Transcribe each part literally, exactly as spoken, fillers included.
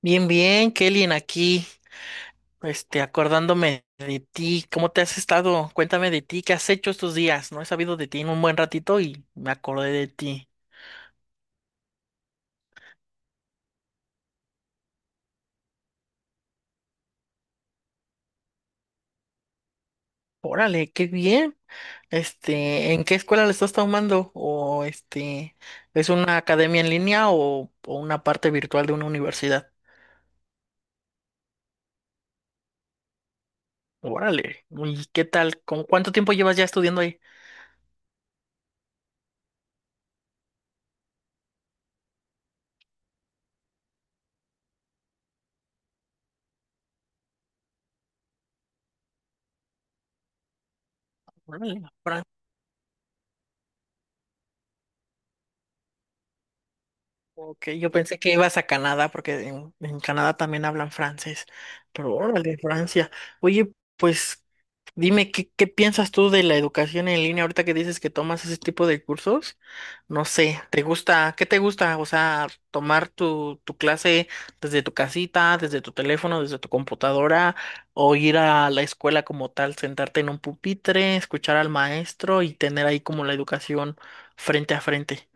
Bien, bien, Kelly, aquí, este, acordándome de ti, ¿cómo te has estado? Cuéntame de ti, ¿qué has hecho estos días? No he sabido de ti en un buen ratito y me acordé de ti. Órale, qué bien. Este, ¿en qué escuela le estás tomando? O este, ¿es una academia en línea o, o una parte virtual de una universidad? Órale, ¿y qué tal? ¿Con cuánto tiempo llevas ya estudiando ahí? Órale, ok, yo pensé que ibas a Canadá porque en, en Canadá también hablan francés, pero órale, Francia. Oye, pues dime, ¿qué, qué piensas tú de la educación en línea ahorita que dices que tomas ese tipo de cursos? No sé, ¿te gusta? ¿Qué te gusta? O sea, tomar tu, tu clase desde tu casita, desde tu teléfono, desde tu computadora, o ir a la escuela como tal, sentarte en un pupitre, escuchar al maestro y tener ahí como la educación frente a frente.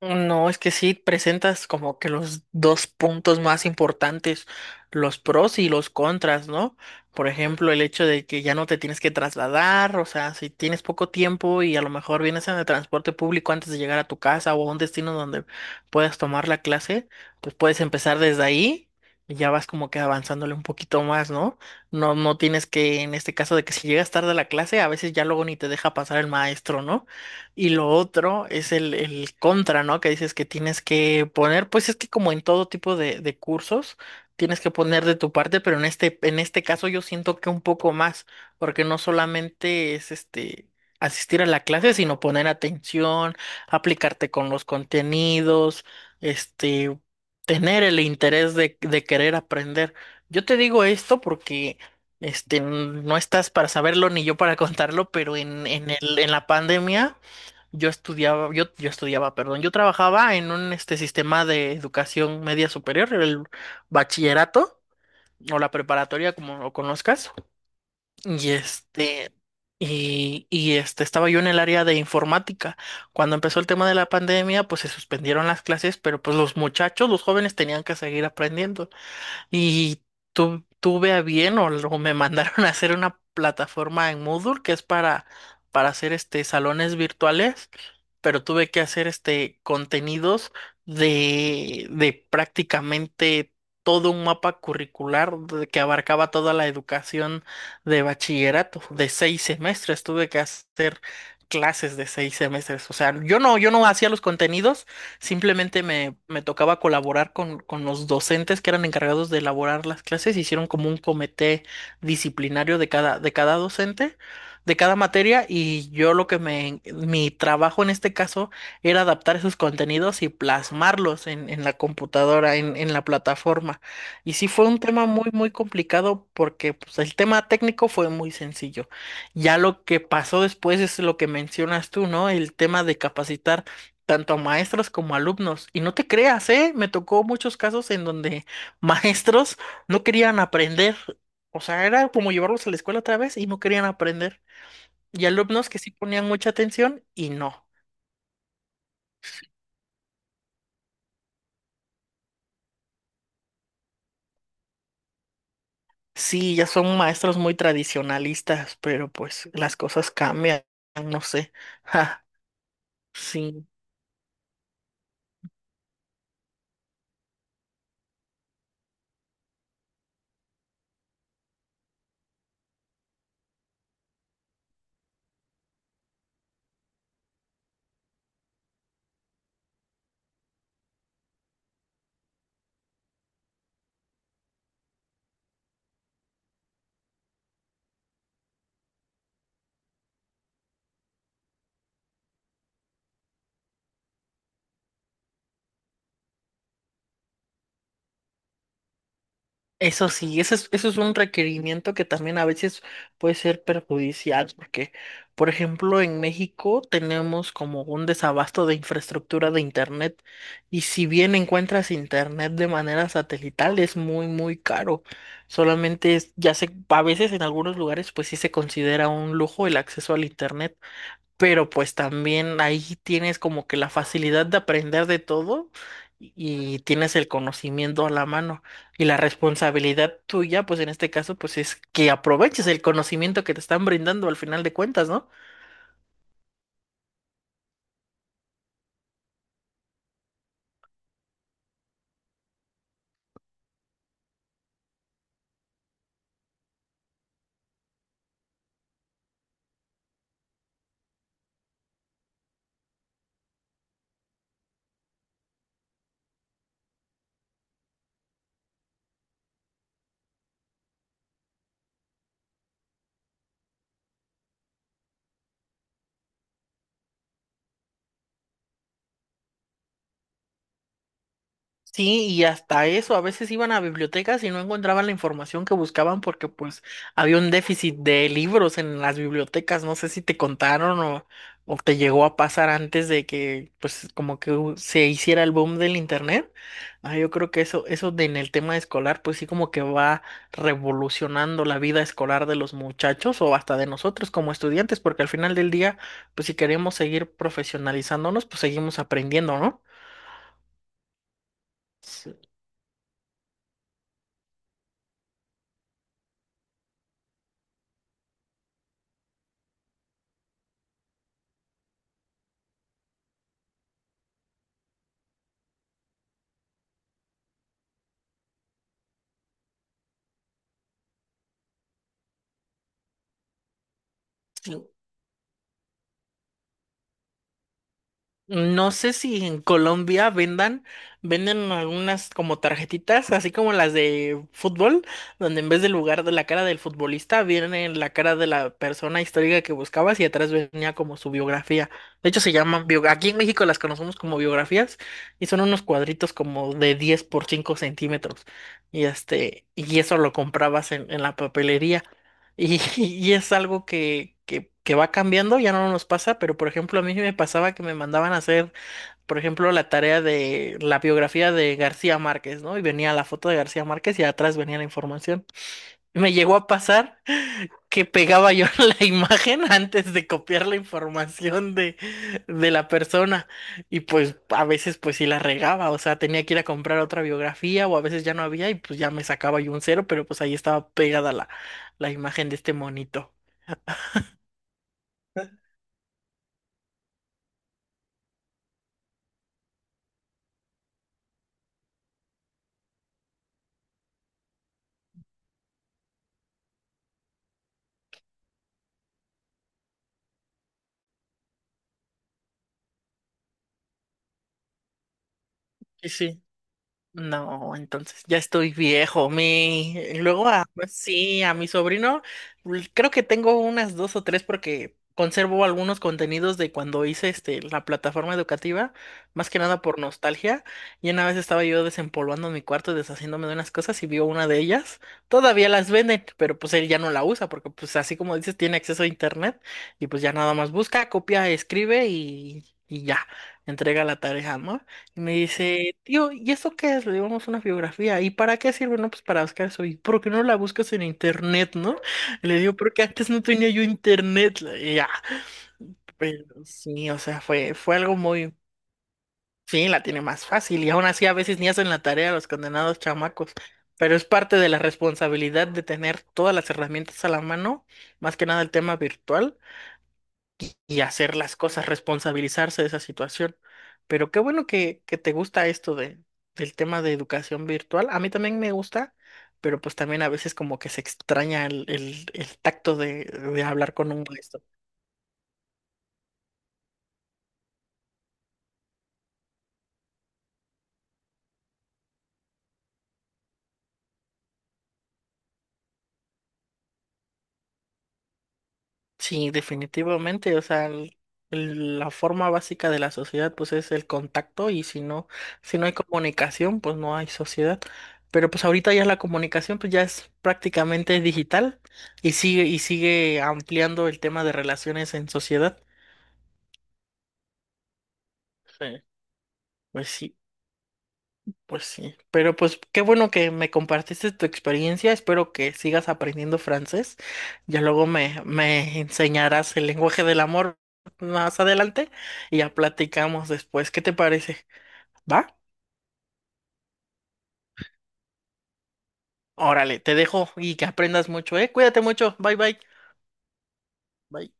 No, es que sí presentas como que los dos puntos más importantes, los pros y los contras, ¿no? Por ejemplo, el hecho de que ya no te tienes que trasladar, o sea, si tienes poco tiempo y a lo mejor vienes en el transporte público antes de llegar a tu casa o a un destino donde puedas tomar la clase, pues puedes empezar desde ahí y ya vas como que avanzándole un poquito más, ¿no? No, no tienes que, en este caso de que si llegas tarde a la clase, a veces ya luego ni te deja pasar el maestro, ¿no? Y lo otro es el, el contra, ¿no? Que dices que tienes que poner, pues es que como en todo tipo de, de cursos, tienes que poner de tu parte, pero en este, en este caso yo siento que un poco más, porque no solamente es este asistir a la clase, sino poner atención, aplicarte con los contenidos, este, tener el interés de, de querer aprender. Yo te digo esto porque este, no estás para saberlo ni yo para contarlo, pero en, en el, en la pandemia. Yo estudiaba, yo, yo estudiaba, perdón, yo trabajaba en un este sistema de educación media superior, el bachillerato o la preparatoria, como lo conozcas. Y este, y, y este, estaba yo en el área de informática. Cuando empezó el tema de la pandemia, pues se suspendieron las clases, pero pues los muchachos, los jóvenes tenían que seguir aprendiendo. Y tu- tuve a bien o, lo- me mandaron a hacer una plataforma en Moodle que es para, para hacer este salones virtuales, pero tuve que hacer este contenidos de, de prácticamente todo un mapa curricular de- que abarcaba toda la educación de bachillerato, de seis semestres. Tuve que hacer clases de seis semestres. O sea, yo no, yo no hacía los contenidos. Simplemente me, me tocaba colaborar con, con los docentes que eran encargados de elaborar las clases. Hicieron como un comité disciplinario de cada, de cada docente, de cada materia, y yo lo que me, mi trabajo en este caso era adaptar esos contenidos y plasmarlos en, en la computadora, en, en la plataforma. Y sí fue un tema muy, muy complicado porque pues, el tema técnico fue muy sencillo. Ya lo que pasó después es lo que mencionas tú, ¿no? El tema de capacitar tanto a maestros como a alumnos. Y no te creas, ¿eh? Me tocó muchos casos en donde maestros no querían aprender. O sea, era como llevarlos a la escuela otra vez y no querían aprender. Y alumnos que sí ponían mucha atención y no. Sí, ya son maestros muy tradicionalistas, pero pues las cosas cambian, no sé. Ja, sí. Eso sí, eso es, eso es un requerimiento que también a veces puede ser perjudicial, porque, por ejemplo, en México tenemos como un desabasto de infraestructura de internet, y si bien encuentras internet de manera satelital, es muy, muy caro. Solamente es- ya se, a veces en algunos lugares, pues sí se considera un lujo el acceso al internet, pero pues también ahí tienes como que la facilidad de aprender de todo y y tienes el conocimiento a la mano. Y la responsabilidad tuya, pues en este caso, pues es que aproveches el conocimiento que te están brindando al final de cuentas, ¿no? Sí, y hasta eso, a veces iban a bibliotecas y no encontraban la información que buscaban porque pues había un déficit de libros en las bibliotecas, no sé si te contaron o, o te llegó a pasar antes de que pues como que hu- se hiciera el boom del internet. Ah, yo creo que eso, eso de en el tema escolar pues sí como que va revolucionando la vida escolar de los muchachos o hasta de nosotros como estudiantes, porque al final del día pues si queremos seguir profesionalizándonos pues seguimos aprendiendo, ¿no? Sí. No sé si en Colombia vendan, venden algunas como tarjetitas, así como las de fútbol, donde en vez del lugar de la cara del futbolista viene la cara de la persona histórica que buscabas y atrás venía como su biografía. De hecho se llaman bio- aquí en México las conocemos como biografías y son unos cuadritos como de diez por cinco centímetros. Y este, y eso lo comprabas en, en la papelería. Y y es algo que, que, que va cambiando, ya no nos pasa, pero por ejemplo, a mí me pasaba que me mandaban a hacer, por ejemplo, la tarea de la biografía de García Márquez, ¿no? Y venía la foto de García Márquez y atrás venía la información. Me llegó a pasar que pegaba yo la imagen antes de copiar la información de, de la persona y pues a veces pues sí la regaba, o sea, tenía que ir a comprar otra biografía o a veces ya no había y pues ya me sacaba yo un cero, pero pues ahí estaba pegada la, la imagen de este monito. Sí, sí. No, entonces ya estoy viejo. Mi, luego a, pues sí, a mi sobrino, l- creo que tengo unas dos o tres porque conservo algunos contenidos de cuando hice este la plataforma educativa, más que nada por nostalgia. Y una vez estaba yo desempolvando mi cuarto y deshaciéndome de unas cosas y vio una de ellas. Todavía las venden, pero pues él ya no la usa porque pues así como dices, tiene acceso a internet y pues ya nada más busca, copia, escribe y, y ya, entrega la tarea, ¿no? Y me dice, tío, ¿y eso qué es? Le digo, "Vamos, una biografía". ¿Y para qué sirve? No, pues para buscar eso. ¿Y por qué no la buscas en internet, no? Le digo, porque antes no tenía yo internet. Y ya, pero sí, o sea, fue, fue algo muy, sí, la tiene más fácil. Y aún así a veces ni hacen la tarea los condenados chamacos. Pero es parte de la responsabilidad de tener todas las herramientas a la mano, más que nada el tema virtual y hacer las cosas, responsabilizarse de esa situación. Pero qué bueno que, que te gusta esto de, del tema de educación virtual. A mí también me gusta, pero pues también a veces como que se extraña el, el, el tacto de, de hablar con un maestro. Sí, definitivamente, o sea, el- el- la forma básica de la sociedad pues es el contacto y si no, si no hay comunicación pues no hay sociedad. Pero pues ahorita ya la comunicación pues ya es prácticamente digital y sigue y sigue ampliando el tema de relaciones en sociedad. Sí. Pues sí, pues sí, pero pues qué bueno que me compartiste tu experiencia, espero que sigas aprendiendo francés, ya luego me, me enseñarás el lenguaje del amor más adelante y ya platicamos después, ¿qué te parece? ¿Va? Órale, te dejo y que aprendas mucho, ¿eh? Cuídate mucho, bye bye. Bye.